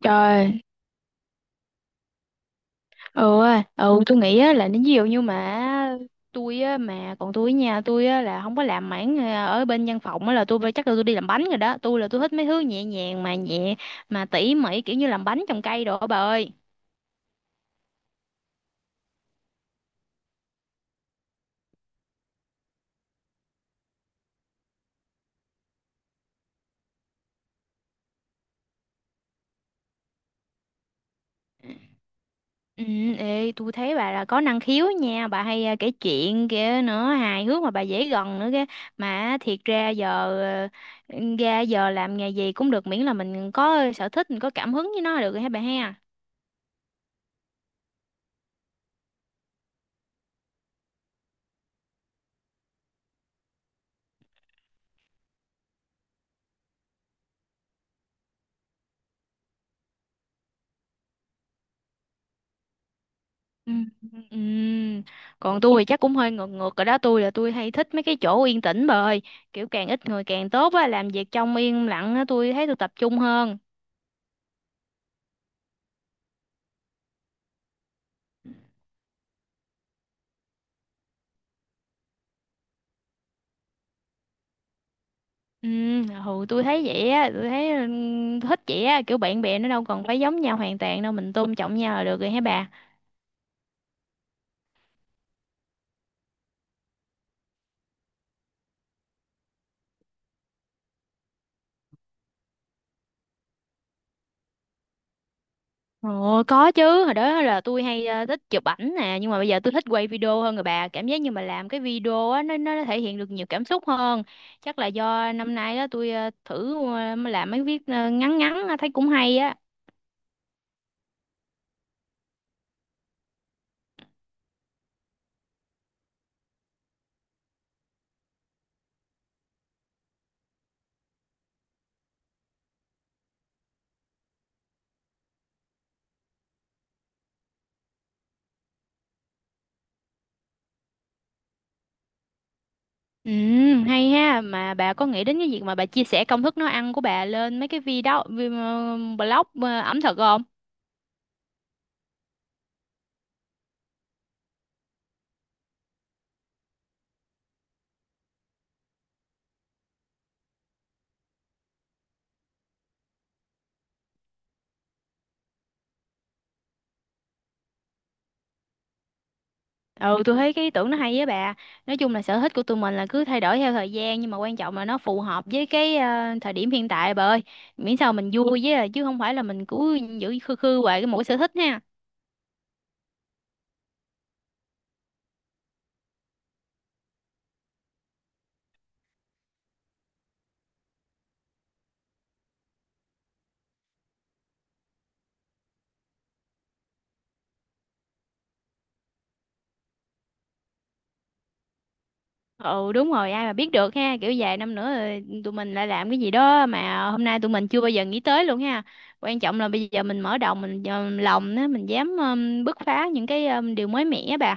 Trời, ừ, tôi nghĩ là nếu ví dụ như mà tôi mà còn tôi nha tôi á, là không có làm mảng ở bên văn phòng là chắc là tôi đi làm bánh rồi đó. Tôi thích mấy thứ nhẹ nhàng mà nhẹ mà tỉ mỉ, kiểu như làm bánh, trồng cây đồ á bà ơi. Ừ, ê, tôi thấy bà là có năng khiếu nha bà, hay kể chuyện kia nữa, hài hước mà bà dễ gần nữa kia. Mà thiệt ra giờ làm nghề gì cũng được, miễn là mình có sở thích, mình có cảm hứng với nó là được rồi hả bà ha. Ừm, ừm. Còn tôi thì chắc cũng hơi ngược ngược ở đó. Tôi hay thích mấy cái chỗ yên tĩnh bà ơi, kiểu càng ít người càng tốt á, làm việc trong yên lặng á tôi thấy tôi tập trung hơn. Ừ tôi thấy vậy á, tôi thấy thích vậy á, kiểu bạn bè nó đâu cần phải giống nhau hoàn toàn đâu, mình tôn trọng nhau là được rồi hả bà. Ồ, có chứ, hồi đó là tôi hay thích chụp ảnh nè, nhưng mà bây giờ tôi thích quay video hơn rồi bà, cảm giác như mà làm cái video á nó thể hiện được nhiều cảm xúc hơn. Chắc là do năm nay đó tôi thử làm mấy viết ngắn ngắn á, thấy cũng hay á. Ừ, hay ha, mà bà có nghĩ đến cái việc mà bà chia sẻ công thức nấu ăn của bà lên mấy cái blog ẩm thực không? Ừ tôi thấy cái ý tưởng nó hay với bà. Nói chung là sở thích của tụi mình là cứ thay đổi theo thời gian, nhưng mà quan trọng là nó phù hợp với cái thời điểm hiện tại bà ơi, miễn sao mình vui với chứ không phải là mình cứ giữ khư khư hoài cái mỗi sở thích ha. Ừ đúng rồi, ai mà biết được ha, kiểu vài năm nữa rồi tụi mình lại làm cái gì đó mà hôm nay tụi mình chưa bao giờ nghĩ tới luôn ha. Quan trọng là bây giờ mình mở đầu mình lòng á, mình dám bứt phá những cái điều mới mẻ bà.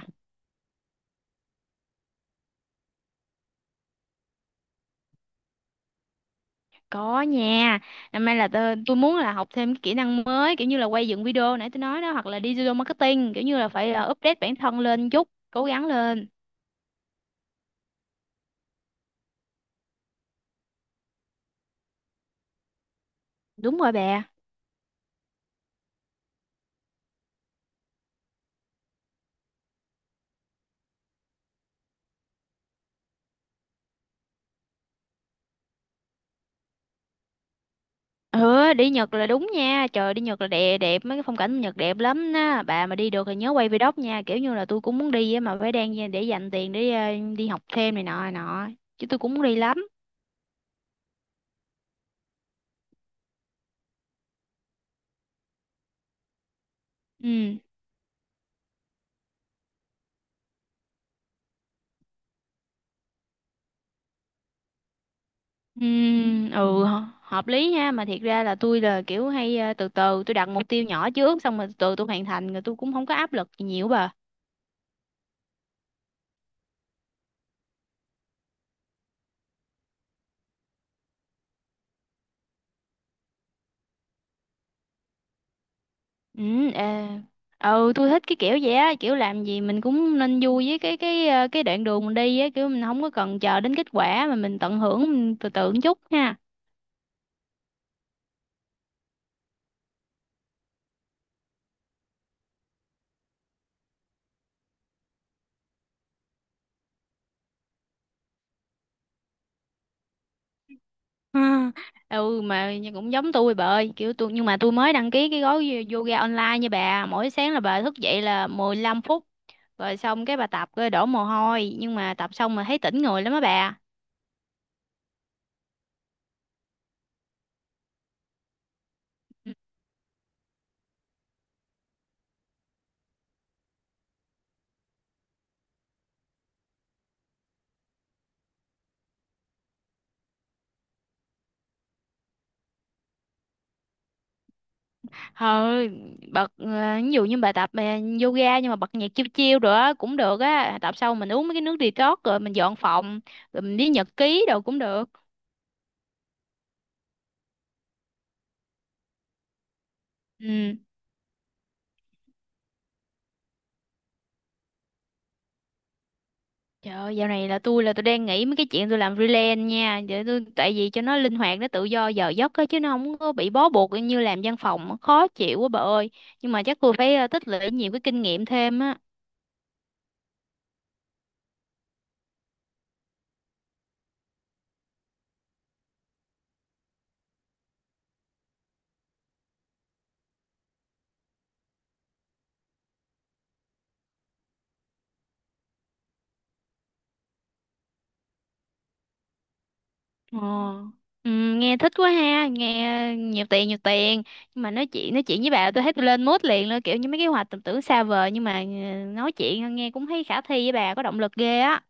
Có nha. Năm nay là tôi muốn là học thêm cái kỹ năng mới, kiểu như là quay dựng video nãy tôi nói đó, hoặc là digital marketing, kiểu như là phải update bản thân lên chút, cố gắng lên. Đúng rồi bà. Ừ, đi Nhật là đúng nha. Trời, đi Nhật là đẹp, đẹp mấy cái phong cảnh Nhật đẹp lắm á. Bà mà đi được thì nhớ quay vlog nha. Kiểu như là tôi cũng muốn đi á mà phải đang để dành tiền để đi học thêm này nọ này nọ. Chứ tôi cũng muốn đi lắm. Ừ. Hợp lý ha, mà thiệt ra là tôi là kiểu hay từ từ tôi đặt mục tiêu nhỏ trước, xong rồi từ từ tôi hoàn thành rồi tôi cũng không có áp lực gì nhiều bà. ừ à, ừ tôi thích cái kiểu vậy á, kiểu làm gì mình cũng nên vui với cái đoạn đường mình đi á, kiểu mình không có cần chờ đến kết quả mà mình tận hưởng, mình từ từ một chút ha. Ha. Ừ mà cũng giống tôi bà ơi, kiểu tôi nhưng mà tôi mới đăng ký cái gói yoga online nha bà, mỗi sáng là bà thức dậy là 15 phút, rồi xong cái bà tập rồi đổ mồ hôi, nhưng mà tập xong mà thấy tỉnh người lắm á bà. Thôi, bật ví dụ như bà tập yoga nhưng mà bật nhạc chill chill rồi á cũng được á, tập xong mình uống mấy cái nước detox rồi mình dọn phòng rồi mình đi nhật ký đồ cũng được. Ừ. Trời ơi, dạo này là tôi đang nghĩ mấy cái chuyện tôi làm freelance nha. Để tôi, tại vì cho nó linh hoạt, nó tự do giờ giấc á, chứ nó không có bị bó buộc như làm văn phòng khó chịu quá bà ơi. Nhưng mà chắc tôi phải tích lũy nhiều cái kinh nghiệm thêm á. Ờ. Ừ, nghe thích quá ha, nghe nhiều tiền nhiều tiền. Nhưng mà nói chuyện với bà tôi thấy tôi lên mood liền luôn, kiểu như mấy cái hoạch tầm tưởng xa vời nhưng mà nói chuyện nghe cũng thấy khả thi, với bà có động lực ghê á.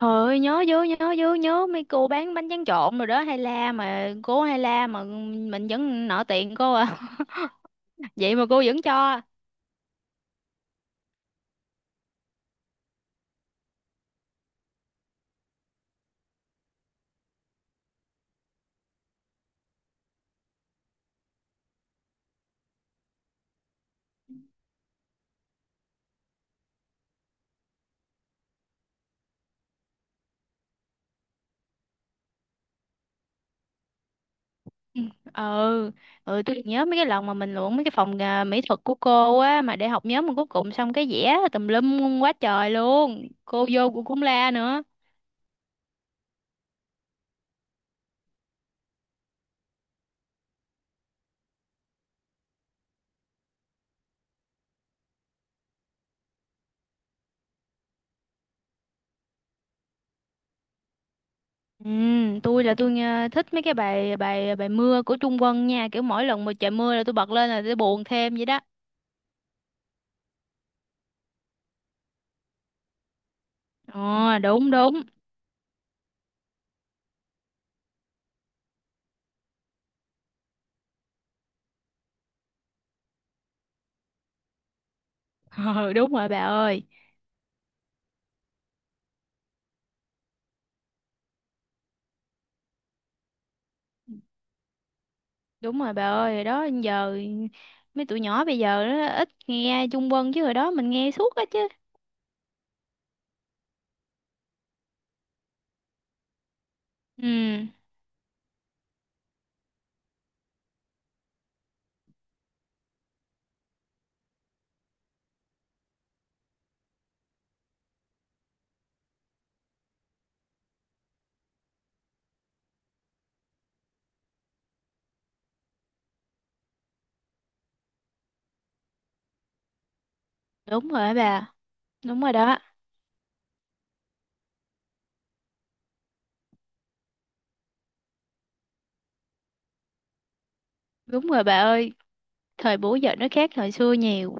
Trời, nhớ mấy cô bán bánh tráng trộn rồi đó, hay la mà, cô hay la mà mình vẫn nợ tiền cô à. Vậy mà cô vẫn cho. ừ ờ, ừ tôi nhớ mấy cái lần mà mình luận mấy cái phòng mỹ thuật của cô á mà để học nhóm, mà cuối cùng xong cái vẽ tùm lum quá trời luôn, cô vô cô cũng la nữa. Ừ tôi là tôi nghe thích mấy cái bài bài bài mưa của Trung Quân nha, kiểu mỗi lần mà trời mưa là tôi bật lên là tôi buồn thêm vậy đó. Ờ đúng, đúng. Ừ, đúng rồi bà ơi. Đúng rồi bà ơi, đó giờ mấy tụi nhỏ bây giờ nó ít nghe Trung Quân, chứ hồi đó mình nghe suốt á chứ. Ừ, đúng rồi á bà, đúng rồi đó, đúng rồi bà ơi, thời buổi giờ nó khác thời xưa nhiều.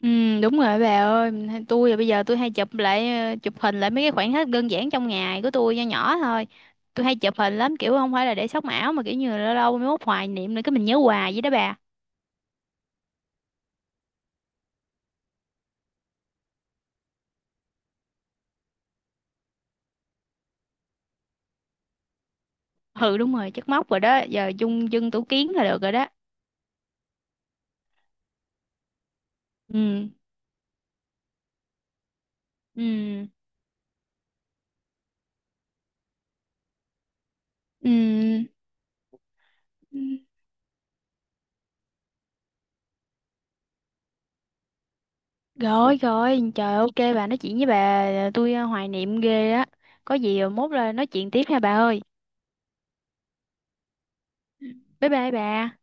Ừ, đúng rồi á bà ơi, tôi là bây giờ tôi hay chụp lại, chụp hình lại mấy cái khoảnh khắc đơn giản trong ngày của tôi nho nhỏ thôi. Tôi hay chụp hình lắm, kiểu không phải là để sống ảo mà kiểu như là lâu lâu mới mốt hoài niệm nữa, cái mình nhớ hoài vậy đó bà. Ừ đúng rồi, chất móc rồi đó, giờ chung dân tủ kiến là được rồi đó. Ừ, ừ. Ừ, ừ. Rồi rồi, trời, ok bà, nói chuyện với bà tôi hoài niệm ghê á. Có gì mốt là nói chuyện tiếp nha bà ơi. Bye bye bà.